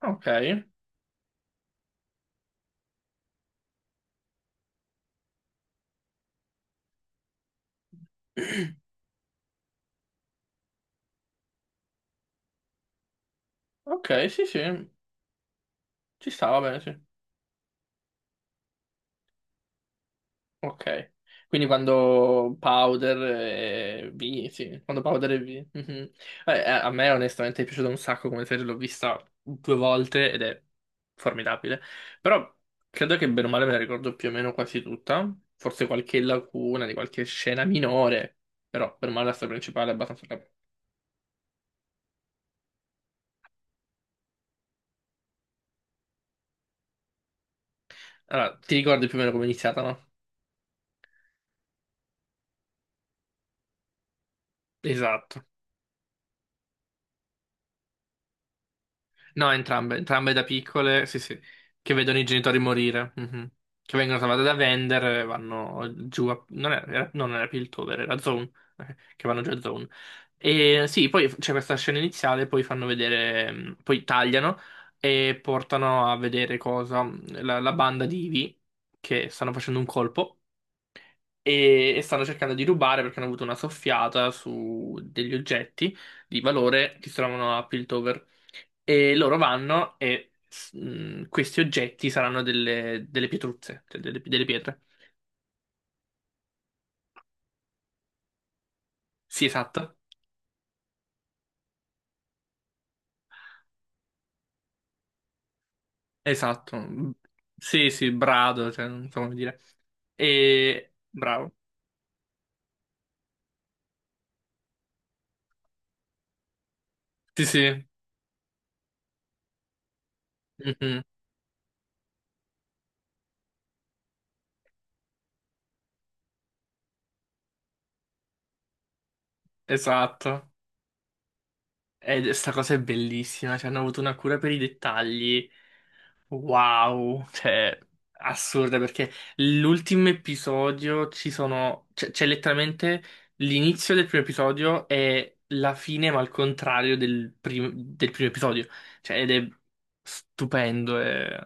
Ok, ok, sì, sì, ci stava bene, sì. Ok, quindi quando Powder e V, sì, quando Powder e V. Mhm. A me onestamente è piaciuto un sacco come serie, l'ho vista due volte ed è formidabile, però credo che bene o male me la ricordo più o meno quasi tutta, forse qualche lacuna di qualche scena minore, però per male la storia principale è abbastanza. Allora, ti ricordi più o meno come è iniziata, no? Esatto. No, entrambe, entrambe da piccole, sì, sì, che vedono i genitori morire, mhm. Che vengono salvate da Vender e vanno giù a... Non era, era- No, non era Piltover, era Zone, che vanno giù a Zone. E sì, poi c'è questa scena iniziale, poi fanno vedere, poi tagliano e portano a vedere cosa, la banda di Ivy, che stanno facendo un colpo e stanno cercando di rubare perché hanno avuto una soffiata su degli oggetti di valore che si trovano a Piltover. E loro vanno e questi oggetti saranno delle, delle pietruzze, cioè delle pietre. Sì, esatto. Esatto. Mm. Sì, sì, brado, cioè, non so come dire. E bravo. Sì, sì. Mhm. Esatto. E sta cosa è bellissima, cioè hanno avuto una cura per i dettagli. Wow, cioè, assurda perché l'ultimo episodio ci sono, c'è letteralmente l'inizio del primo episodio e la fine, ma al contrario del primo episodio. Cioè, ed è stupendo.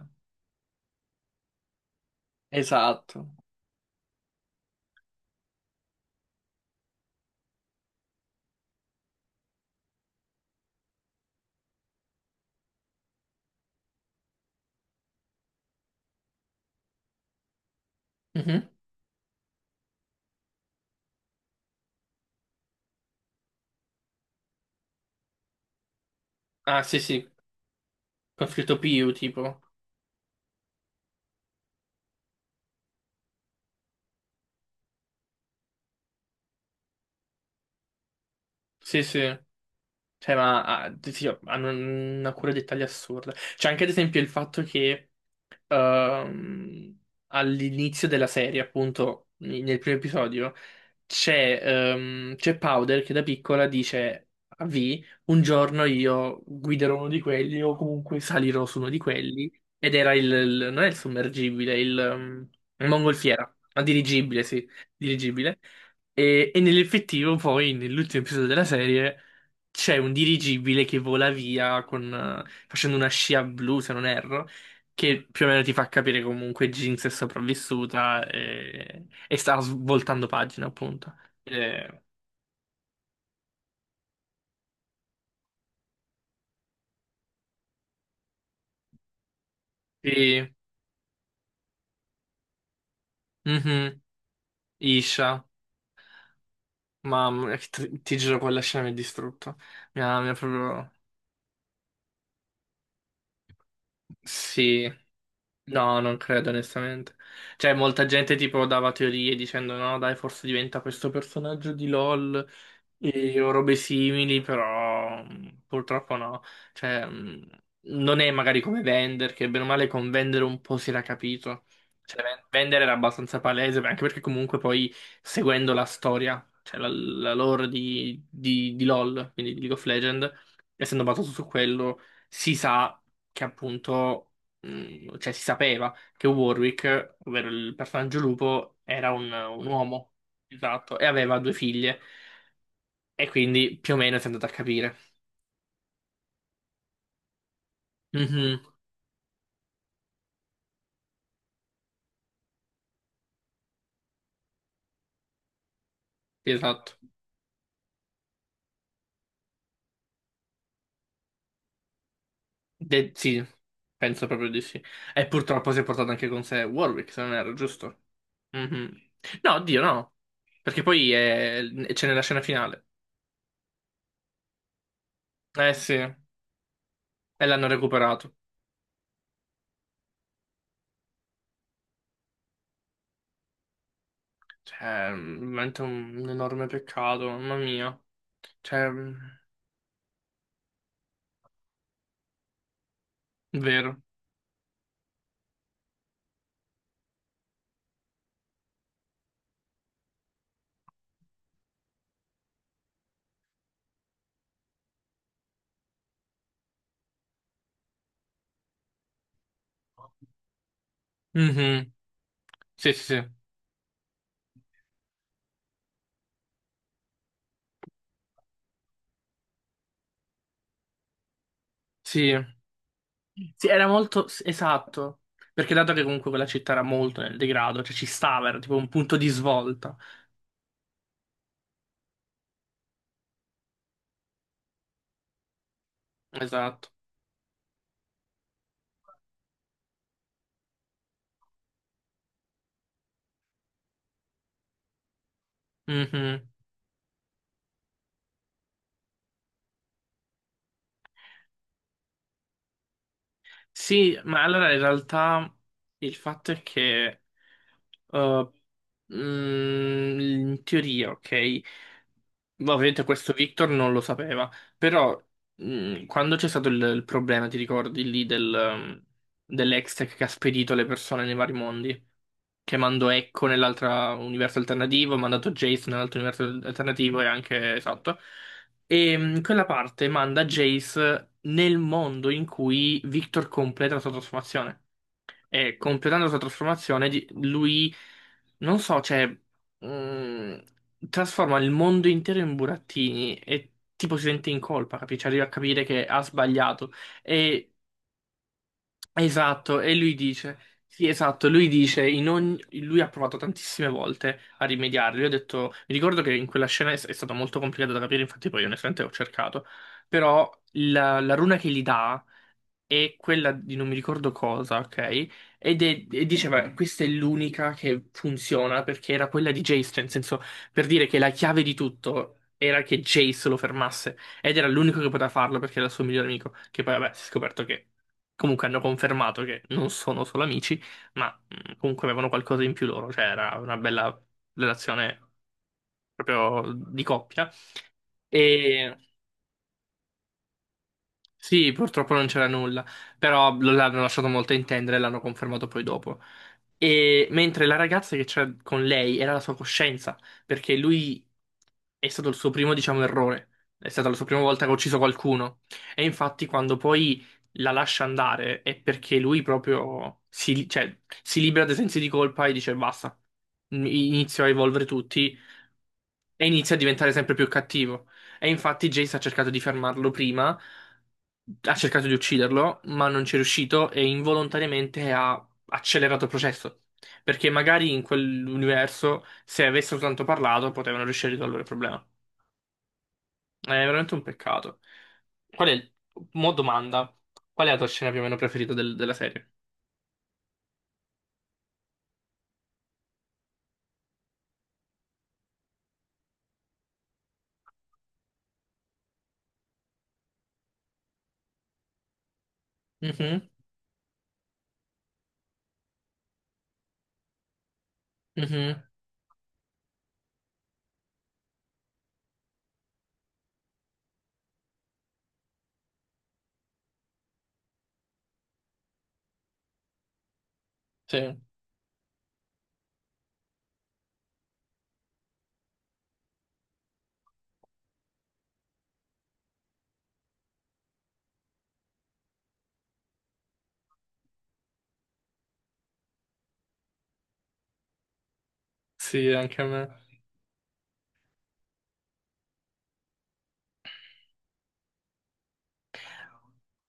Esatto. Mhm. Ah, sì, sì, con scritto PU tipo. Sì, sì. Cioè, ma ah, sì, hanno una cura dei dettagli assurda. C'è anche, ad esempio, il fatto che ehm, all'inizio della serie, appunto, nel primo episodio, c'è Powder che da piccola dice a V, un giorno io guiderò uno di quelli o comunque salirò su uno di quelli. Ed era non è il sommergibile, il mongolfiera, ma dirigibile, sì, dirigibile. E nell'effettivo, poi, nell'ultimo episodio della serie c'è un dirigibile che vola via con, facendo una scia blu, se non erro, che più o meno ti fa capire comunque Jinx è sopravvissuta e sta svoltando pagina, appunto. Eh, sì, mhm. Isha, mamma, mia, che ti giuro, quella scena mi ha distrutto. Mi ha proprio... Sì. No, non credo onestamente. Cioè, molta gente tipo dava teorie dicendo no, dai, forse diventa questo personaggio di LOL e o robe simili, però purtroppo no. Cioè, non è magari come Vender, che bene o male con Vender un po' si era capito. Cioè, Vender era abbastanza palese, anche perché comunque poi seguendo la storia, cioè la lore di LOL, quindi di League of Legends, essendo basato su quello, si sa che appunto cioè si sapeva che Warwick, ovvero il personaggio lupo, era un uomo, esatto, e aveva due figlie, e quindi più o meno si è andato a capire. Mhm, sì, esatto. Sì, penso proprio di sì. E purtroppo si è portato anche con sé Warwick, se non era giusto. Mhm. No, oddio, no. Perché poi c'è nella scena finale. Eh sì, e l'hanno recuperato. Cioè, veramente un enorme peccato, mamma mia. Cioè, vero. Mhm. Sì, sì, sì. Sì. Sì, era molto esatto. Perché dato che comunque quella città era molto nel degrado, cioè ci stava, era tipo un punto di svolta. Esatto. Mhm. Sì, ma allora in realtà il fatto è che eh, in teoria, ok, ovviamente questo Victor non lo sapeva, però quando c'è stato il problema, ti ricordi lì dell'Hextech che ha spedito le persone nei vari mondi? Che mando Echo nell'altro universo alternativo, ho mandato Jace nell'altro universo alternativo e anche esatto. E quella parte manda Jace nel mondo in cui Victor completa la sua trasformazione. E completando la sua trasformazione, lui, non so, cioè, mh, trasforma il mondo intero in burattini e tipo si sente in colpa, capisci? Arriva a capire che ha sbagliato. E Esatto, e lui dice, sì, esatto, lui dice, lui ha provato tantissime volte a rimediare, lui ha detto, mi ricordo che in quella scena è stato molto complicato da capire, infatti poi onestamente ho cercato, però la runa che gli dà è quella di non mi ricordo cosa, ok? E diceva, questa è l'unica che funziona perché era quella di Jace, cioè, nel senso, per dire che la chiave di tutto era che Jace lo fermasse. Ed era l'unico che poteva farlo perché era il suo migliore amico. Che poi, vabbè, si è scoperto che comunque hanno confermato che non sono solo amici, ma comunque avevano qualcosa in più loro. Cioè, era una bella relazione proprio di coppia. E sì, purtroppo non c'era nulla, però l'hanno lasciato molto intendere e l'hanno confermato poi dopo. E mentre la ragazza che c'era con lei era la sua coscienza, perché lui è stato il suo primo, diciamo, errore. È stata la sua prima volta che ha ucciso qualcuno. E infatti, quando poi la lascia andare, è perché lui proprio si, cioè, si libera dei sensi di colpa e dice basta, inizio a evolvere tutti e inizia a diventare sempre più cattivo. E infatti Jace ha cercato di fermarlo prima, ha cercato di ucciderlo, ma non ci è riuscito e involontariamente ha accelerato il processo. Perché magari in quell'universo, se avessero soltanto parlato, potevano riuscire a risolvere il problema. È veramente un peccato. Qual è il... Mo domanda. Qual è la tua scena più o meno preferita della serie? Mhm, mhm, sì, sì, anche a me.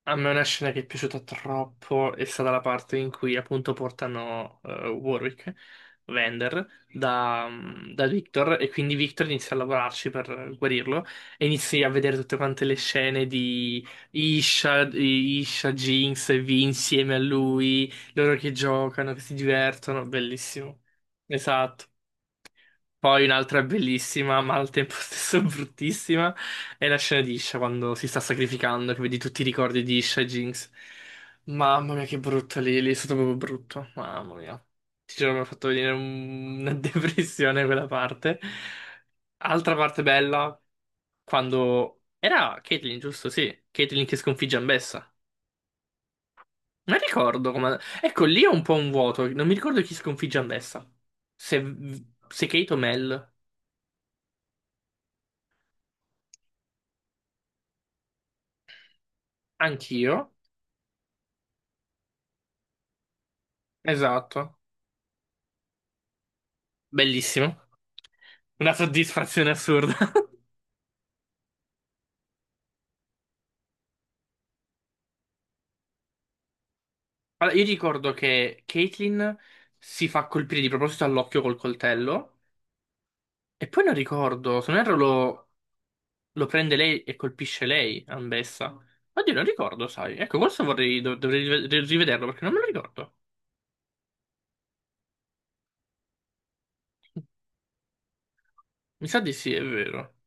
A me una scena che è piaciuta troppo è stata la parte in cui appunto portano Warwick, Vander, da Victor e quindi Victor inizia a lavorarci per guarirlo e inizi a vedere tutte quante le scene di Isha, Isha, Jinx e Vi insieme a lui, loro che giocano, che si divertono, bellissimo. Esatto. Poi un'altra bellissima, ma al tempo stesso bruttissima, è la scena di Isha quando si sta sacrificando, che vedi tutti i ricordi di Isha e Jinx. Mamma mia, che brutto lì, lì è stato proprio brutto. Mamma mia. Ti giuro, mi ha fatto venire una depressione quella parte. Altra parte bella, quando... Era Caitlyn, giusto? Sì, Caitlyn che sconfigge Ambessa. Non ricordo come... Ecco, lì è un po' un vuoto, non mi ricordo chi sconfigge Ambessa. Se, se Kate o Mel, anch'io. Esatto, bellissimo. Una soddisfazione assurda. Allora, io ricordo che Caitlyn si fa colpire di proposito all'occhio col coltello e poi non ricordo, se non erro lo prende lei e colpisce lei, Ambessa. Oddio, non ricordo, sai. Ecco, questo vorrei, dovrei rivederlo perché non me lo ricordo. Mi sa di sì, è vero.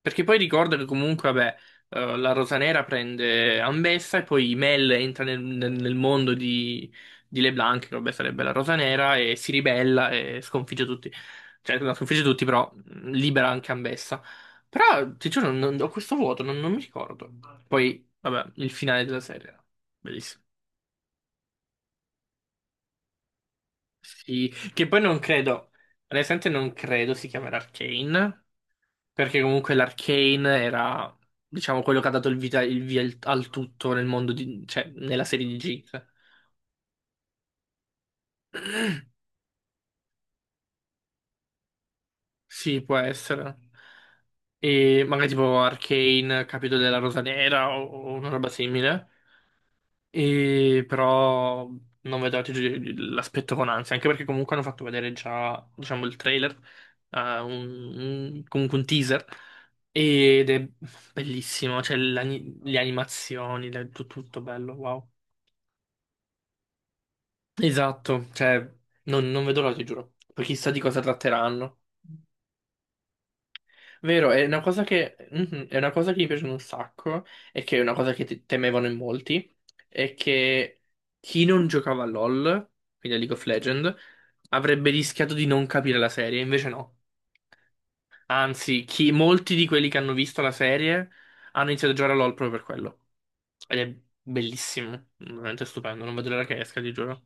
Perché poi ricordo che comunque, vabbè, la Rosa Nera prende Ambessa e poi Mel entra nel, nel mondo di LeBlanc, che vabbè sarebbe la Rosa Nera, e si ribella e sconfigge tutti. Cioè, non sconfigge tutti, però libera anche Ambessa. Però, ti giuro, ho questo vuoto, non mi ricordo. Poi, vabbè, il finale della serie. Bellissimo. Sì, che poi non credo, onestamente non credo si chiamerà Arcane. Perché comunque l'Arcane era, diciamo, quello che ha dato vita, il via al tutto nel mondo di, cioè, nella serie di Geek. Sì, può essere. E magari tipo Arcane, capito della Rosa Nera o una roba simile. E però non vedo ti giuro, l'aspetto con ansia, anche perché comunque hanno fatto vedere già, diciamo, il trailer, comunque un teaser. Ed è bellissimo, cioè le animazioni, tutto bello, wow. Esatto, cioè, non vedo l'ora, ti giuro. Poi chissà di cosa tratteranno. Vero, è una cosa che, è una cosa che mi piace un sacco e che è una cosa che temevano in molti, è che chi non giocava a LoL, quindi a League of Legends, avrebbe rischiato di non capire la serie, invece no. Anzi, molti di quelli che hanno visto la serie hanno iniziato a giocare a LoL proprio per quello. Ed è bellissimo, veramente stupendo, non vedo l'ora che esca, ti giuro.